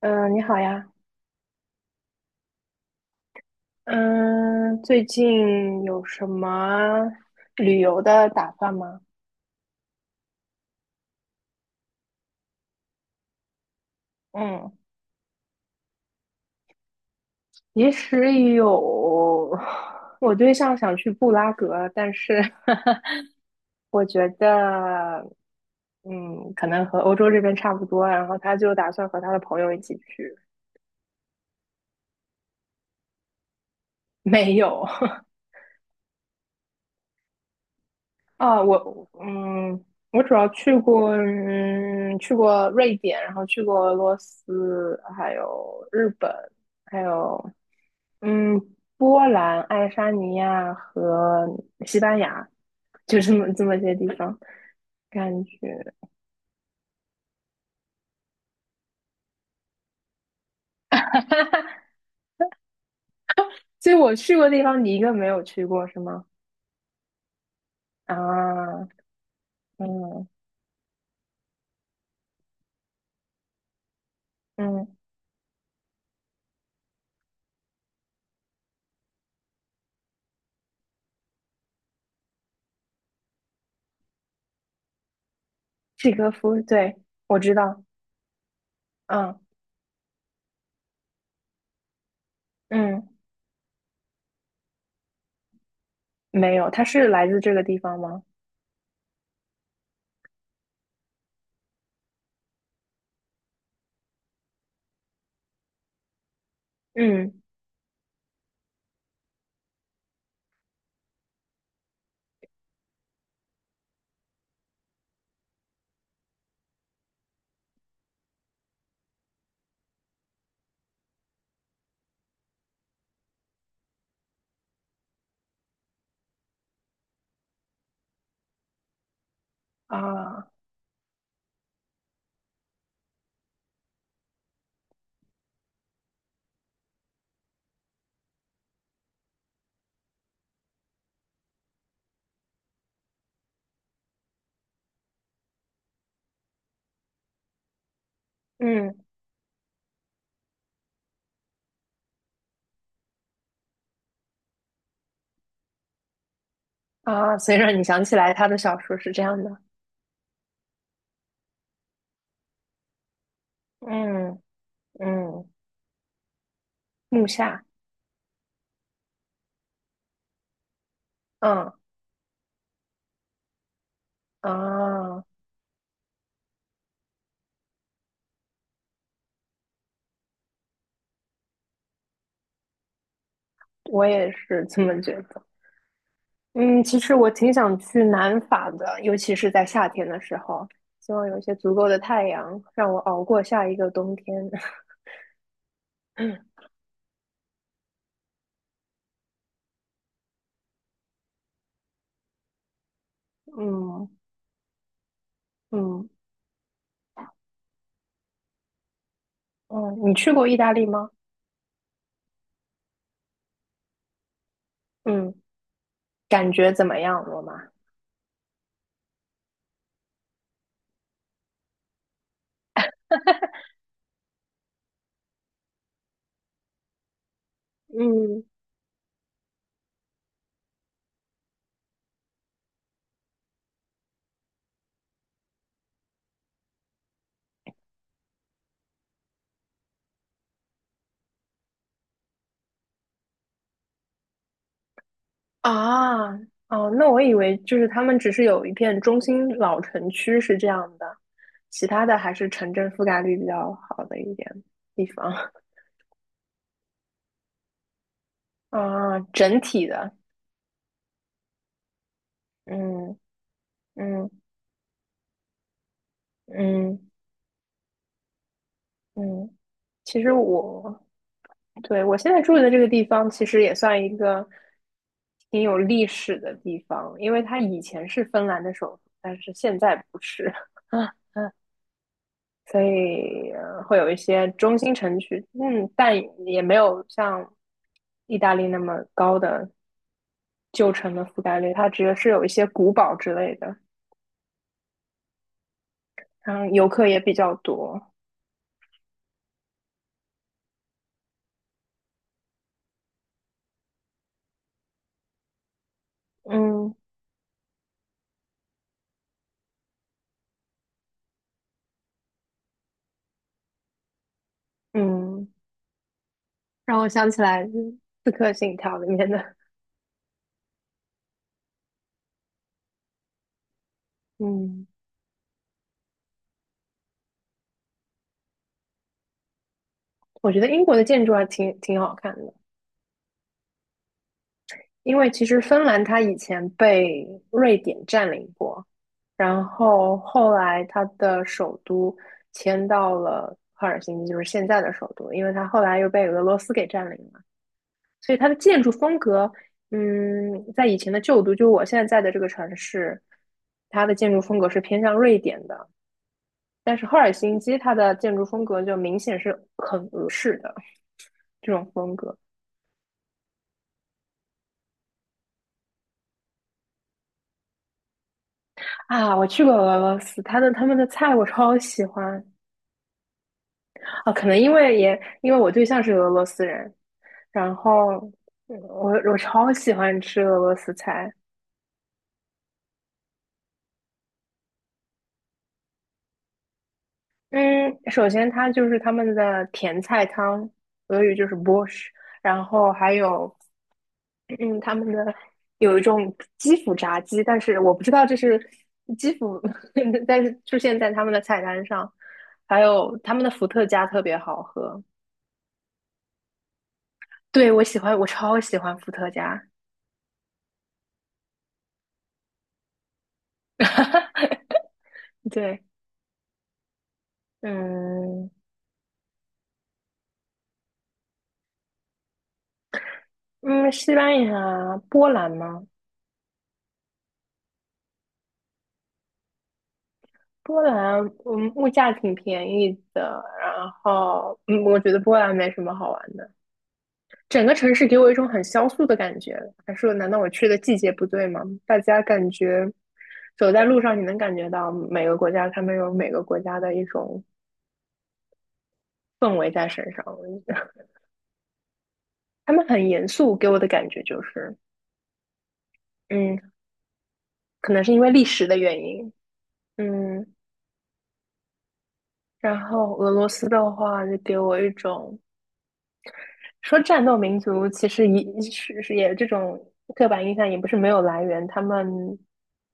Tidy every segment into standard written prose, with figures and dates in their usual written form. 嗯，你好呀。嗯，最近有什么旅游的打算吗？嗯，其实有，我对象想去布拉格，但是 我觉得，可能和欧洲这边差不多啊，然后他就打算和他的朋友一起去。没有，啊，我我主要去过去过瑞典，然后去过俄罗斯，还有日本，还有嗯，波兰、爱沙尼亚和西班牙，就这么些地方，感觉。所以我去过的地方，你一个没有去过是吗？啊，嗯嗯，契诃夫，对，我知道，嗯嗯，没有，他是来自这个地方吗？嗯。啊，嗯啊，所以让你想起来他的小说是这样的，嗯嗯，木下，嗯啊，我也是这么觉得。嗯，其实我挺想去南法的，尤其是在夏天的时候，希望有一些足够的太阳，让我熬过下一个冬天。嗯嗯嗯，你去过意大利吗？嗯，感觉怎么样，罗马？啊，哦，那我以为就是他们只是有一片中心老城区是这样的，其他的还是城镇覆盖率比较好的一点地方 啊，整体的，嗯嗯嗯嗯，其实我对我现在住的这个地方，其实也算一个挺有历史的地方，因为它以前是芬兰的首都，但是现在不是。所以会有一些中心城区，嗯，但也没有像意大利那么高的旧城的覆盖率，它只是有一些古堡之类的，然后游客也比较多，嗯嗯，让我想起来《刺客信条》里面的，嗯，我觉得英国的建筑还挺好看的，因为其实芬兰它以前被瑞典占领过，然后后来它的首都迁到了赫尔辛基，就是现在的首都，因为它后来又被俄罗斯给占领了，所以它的建筑风格，嗯，在以前的旧都，就我现在在的这个城市，它的建筑风格是偏向瑞典的，但是赫尔辛基它的建筑风格就明显是很俄式的这种风格。啊。我去过俄罗斯，它的他们的菜我超喜欢。啊，可能因为我对象是俄罗斯人，然后我超喜欢吃俄罗斯菜。嗯，首先它就是他们的甜菜汤，俄语就是 BORSH。 然后还有嗯他们的有一种基辅炸鸡，但是我不知道这是基辅，但是出现在他们的菜单上，还有他们的伏特加特别好喝。对，我喜欢，我超喜欢伏特加。对。嗯嗯，西班牙、波兰吗？波兰，嗯，物价挺便宜的。然后，嗯，我觉得波兰没什么好玩的。整个城市给我一种很萧瑟的感觉。还说，难道我去的季节不对吗？大家感觉走在路上，你能感觉到每个国家他们有每个国家的一种氛围在身上。他们很严肃，给我的感觉就是，嗯，可能是因为历史的原因，嗯。然后俄罗斯的话，就给我一种说战斗民族其实也是这种刻板印象也不是没有来源，他们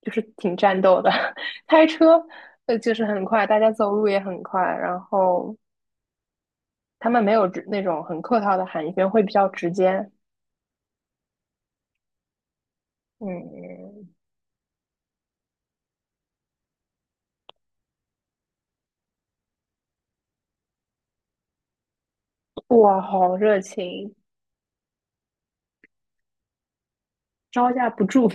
就是挺战斗的，开车就是很快，大家走路也很快，然后他们没有那种很客套的寒暄，会比较直接。嗯，哇，好热情，招架不住。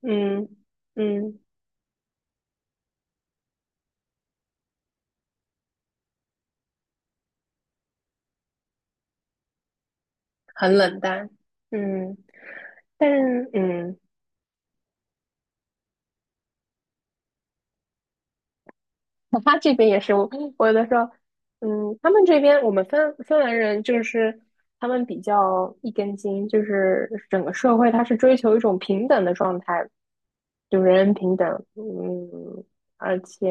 嗯嗯，很冷淡。嗯，但是嗯。他这边也是，我有的时候，嗯，他们这边我们芬兰人就是他们比较一根筋，就是整个社会他是追求一种平等的状态，就人人平等，嗯，而且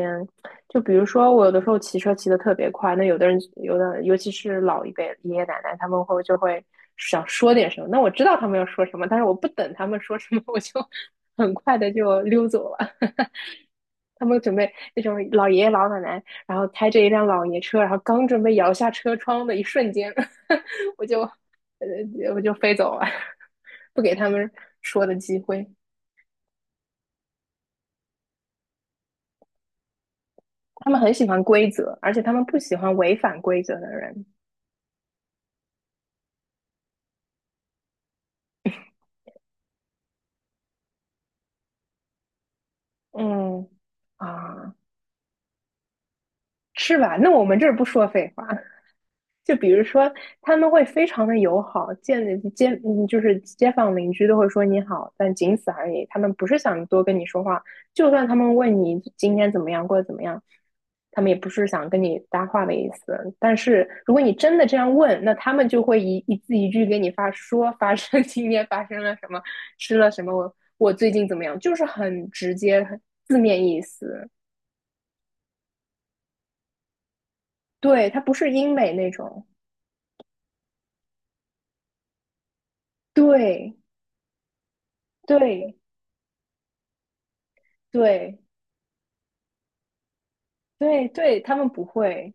就比如说我有的时候骑车骑得特别快，那有的尤其是老一辈爷爷奶奶他们会想说点什么，那我知道他们要说什么，但是我不等他们说什么，我就 很快的就溜走了。他们准备那种老爷爷老奶奶，然后开着一辆老爷车，然后刚准备摇下车窗的一瞬间，我就我就飞走了，不给他们说的机会。他们很喜欢规则，而且他们不喜欢违反规则的人。嗯啊，是吧？那我们这儿不说废话。就比如说，他们会非常的友好，就是街坊邻居都会说你好，但仅此而已。他们不是想多跟你说话，就算他们问你今天怎么样，过得怎么样，他们也不是想跟你搭话的意思。但是如果你真的这样问，那他们就会一字一句给你发生 今天发生了什么，吃了什么，我最近怎么样，就是很直接，很字面意思。对，它不是英美那种。对对对。对对，他们不会，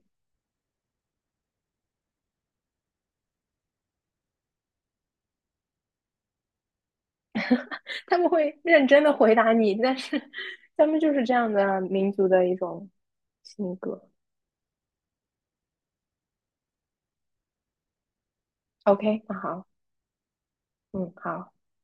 他们会认真的回答你，但是他们就是这样的民族的一种性格。OK,那好，嗯，好。